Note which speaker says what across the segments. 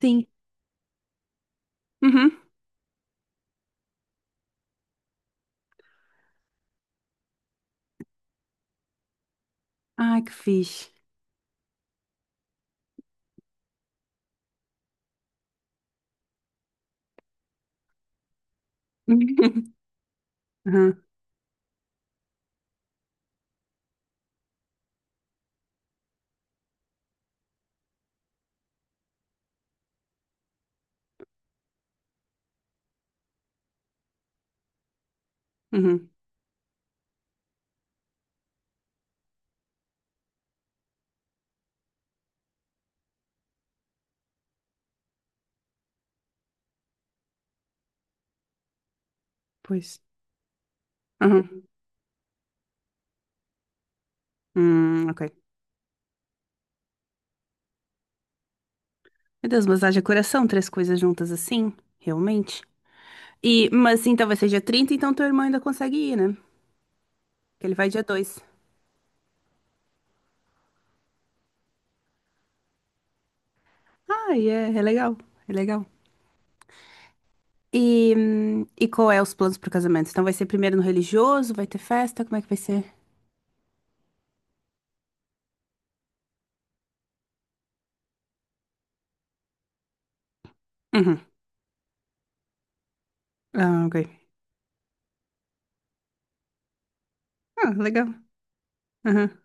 Speaker 1: Sim. Uhum. Ai, que fixe. Uhum. Uhum. Pois. Uhum. Ok. Meu Deus, mas haja coração, três coisas juntas assim? Realmente? E, mas então vai ser dia 30, então teu irmão ainda consegue ir, né? Que ele vai dia 2. Ai, é, é legal. É legal. E qual é os planos pro casamento? Então vai ser primeiro no religioso, vai ter festa, como é que vai ser? Uhum. Ah, ok. Ah, legal. Uhum.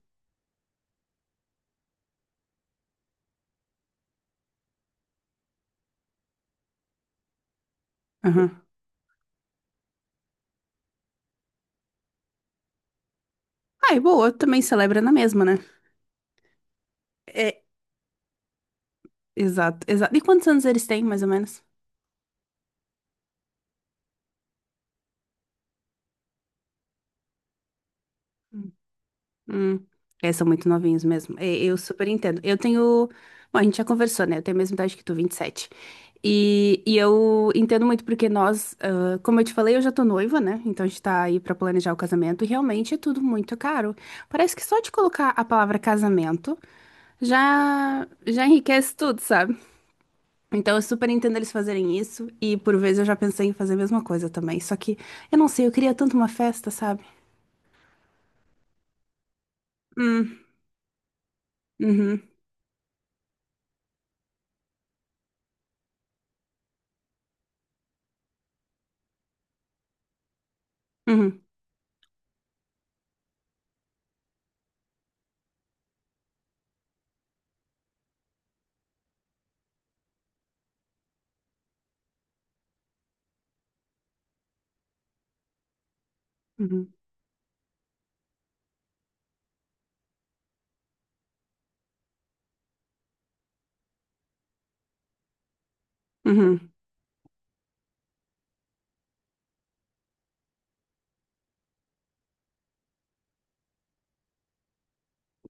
Speaker 1: Uhum. Ai, boa, também celebra na mesma, né? É, exato, exato. E quantos anos eles têm, mais ou menos? Hum, É, são muito novinhos mesmo. É, eu super entendo. Eu tenho. Bom, a gente já conversou, né? Eu tenho a mesma idade que tu, 27. E, sete. E eu entendo muito porque nós, ah, como eu te falei, eu já tô noiva, né? Então a gente tá aí pra planejar o casamento e realmente é tudo muito caro. Parece que só de colocar a palavra casamento já enriquece tudo, sabe? Então eu super entendo eles fazerem isso e por vezes eu já pensei em fazer a mesma coisa também. Só que eu não sei, eu queria tanto uma festa, sabe? Hum, uhum, uhum, uhum, uhum.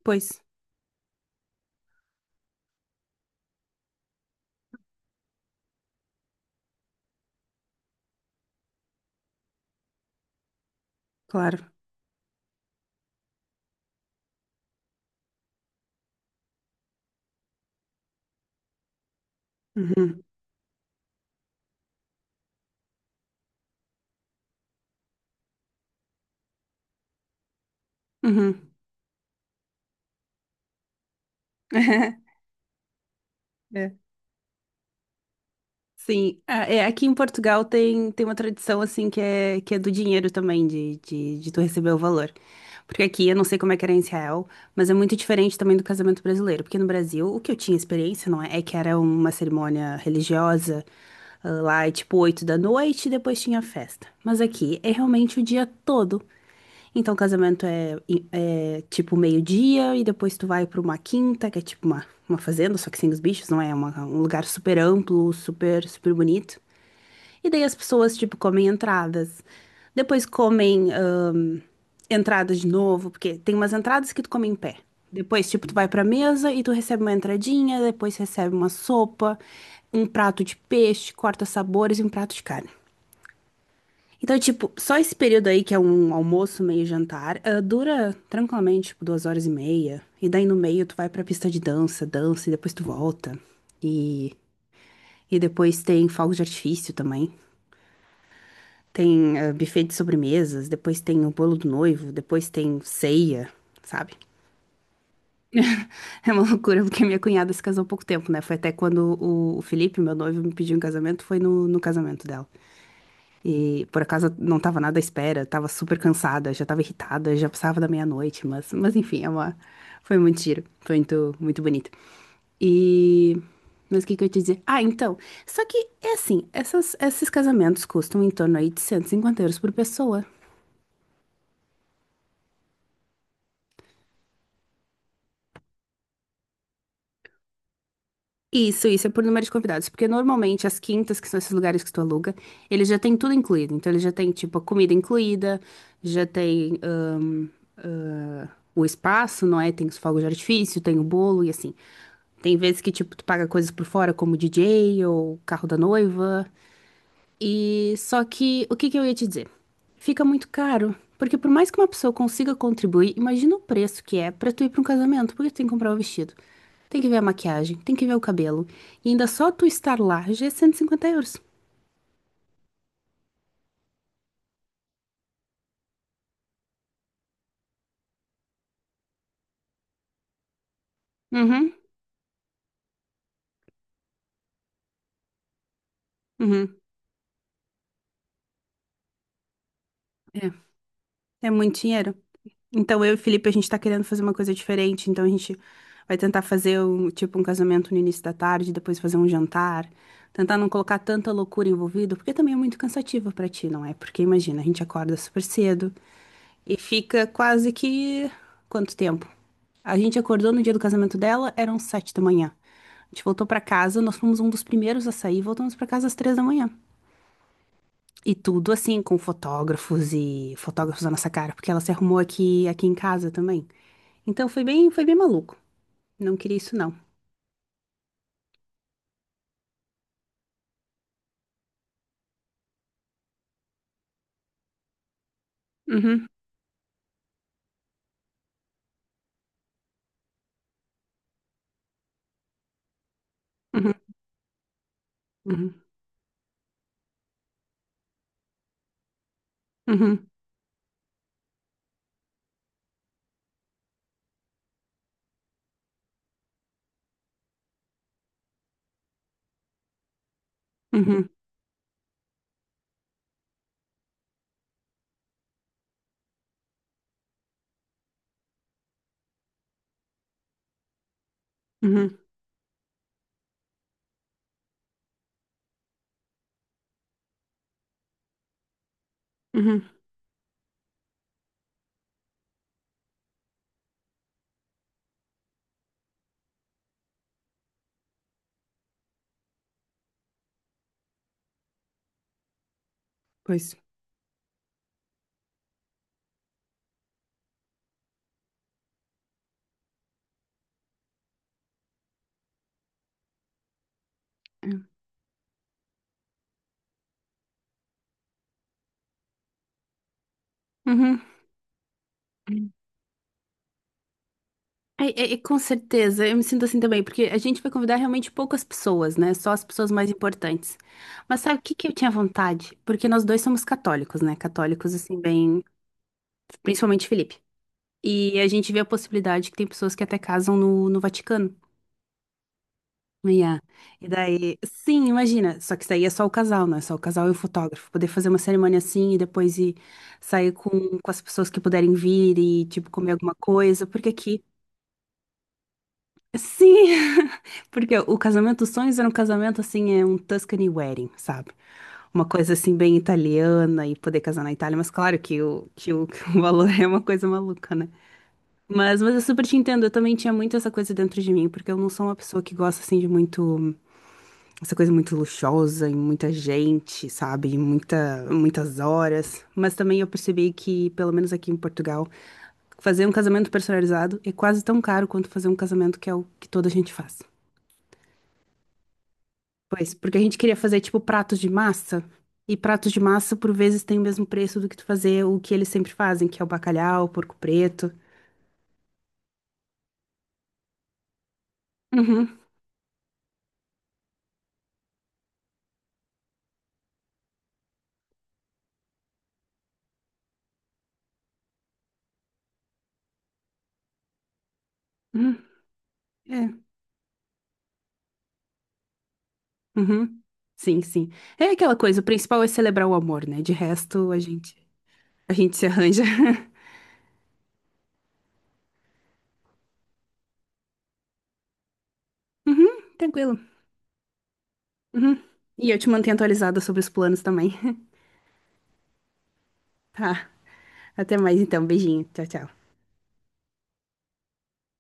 Speaker 1: Pois, claro. Uhum, uhum. É. Sim, ah, é, aqui em Portugal tem uma tradição assim que é, do dinheiro também, de tu receber o valor. Porque aqui, eu não sei como é que era em Israel, mas é muito diferente também do casamento brasileiro. Porque no Brasil, o que eu tinha experiência, não é? É que era uma cerimônia religiosa, ah, lá é tipo 8 da noite e depois tinha festa. Mas aqui é realmente o dia todo. Então, o casamento é tipo meio-dia e depois tu vai pra uma quinta, que é tipo uma fazenda, só que sem os bichos, não é? É um lugar super amplo, super, super bonito. E daí as pessoas, tipo, comem entradas. Depois comem entradas de novo, porque tem umas entradas que tu come em pé. Depois, tipo, tu vai pra mesa e tu recebe uma entradinha, depois recebe uma sopa, um prato de peixe, corta sabores e um prato de carne. Então, tipo, só esse período aí, que é um almoço, meio jantar, ah, dura tranquilamente, tipo, 2 horas e meia. E daí no meio tu vai pra pista de dança, dança e depois tu volta. E, e depois tem fogos de artifício também. Tem ah, buffet de sobremesas, depois tem o bolo do noivo, depois tem ceia, sabe? É uma loucura, porque minha cunhada se casou há pouco tempo, né? Foi até quando o Felipe, meu noivo, me pediu em casamento, foi no casamento dela. E por acaso não tava nada à espera, tava super cansada, já tava irritada, já passava da meia-noite, mas enfim, foi muito giro, foi muito, muito bonito. E. Mas o que que eu ia te dizer? Ah, então. Só que é assim, esses casamentos custam em torno aí de 150 euros por pessoa. Isso é por número de convidados, porque normalmente as quintas, que são esses lugares que tu aluga, eles já têm tudo incluído. Então, eles já têm, tipo, a comida incluída, já tem ah, o espaço, não é? Tem os fogos de artifício, tem o bolo e assim. Tem vezes que, tipo, tu paga coisas por fora, como DJ ou carro da noiva. E só que o que que eu ia te dizer? Fica muito caro, porque por mais que uma pessoa consiga contribuir, imagina o preço que é pra tu ir pra um casamento, porque tu tem que comprar o vestido, tem que ver a maquiagem, tem que ver o cabelo, e ainda só tu estar lá já é 150 euros. Uhum, uhum. É, é muito dinheiro. Então, eu e o Felipe, a gente tá querendo fazer uma coisa diferente, então a gente vai tentar fazer um, tipo um casamento no início da tarde, depois fazer um jantar, tentar não colocar tanta loucura envolvida, porque também é muito cansativo pra ti, não é? Porque imagina, a gente acorda super cedo e fica quase que quanto tempo? A gente acordou no dia do casamento dela, eram 7 da manhã. A gente voltou pra casa, nós fomos um dos primeiros a sair, voltamos pra casa às 3 da manhã. E tudo assim, com fotógrafos e fotógrafos na nossa cara, porque ela se arrumou aqui, aqui em casa também. Então foi bem maluco. Não queria isso, não. Uhum, uhum, uhum, uhum, uhum, uhum, uhum. Pois. É. Uhum. É, com certeza, eu me sinto assim também, porque a gente vai convidar realmente poucas pessoas, né? Só as pessoas mais importantes. Mas sabe o que que eu tinha vontade? Porque nós dois somos católicos, né? Católicos, assim, bem. Principalmente Felipe. E a gente vê a possibilidade que tem pessoas que até casam no Vaticano. Yeah. E daí, sim, imagina, só que isso aí é só o casal, não é só o casal e o fotógrafo. Poder fazer uma cerimônia assim e depois ir sair com as pessoas que puderem vir e, tipo, comer alguma coisa, porque aqui, sim, porque o casamento dos sonhos era um casamento, assim, é um Tuscany wedding, sabe? Uma coisa, assim, bem italiana e poder casar na Itália, mas claro que o, que o valor é uma coisa maluca, né? Mas eu super te entendo, eu também tinha muito essa coisa dentro de mim, porque eu não sou uma pessoa que gosta, assim, de muito essa coisa muito luxuosa e muita gente, sabe? E muitas horas. Mas também eu percebi que, pelo menos aqui em Portugal, fazer um casamento personalizado é quase tão caro quanto fazer um casamento que é o que toda a gente faz. Pois, porque a gente queria fazer tipo pratos de massa. E pratos de massa, por vezes, tem o mesmo preço do que tu fazer o que eles sempre fazem, que é o bacalhau, o porco preto. Uhum, uhum, é, uhum. Sim, sim. É aquela coisa, o principal é celebrar o amor, né? De resto, a gente se arranja. Tranquilo. Uhum. E eu te mantenho atualizada sobre os planos também. Tá. Até mais então. Beijinho. Tchau, tchau.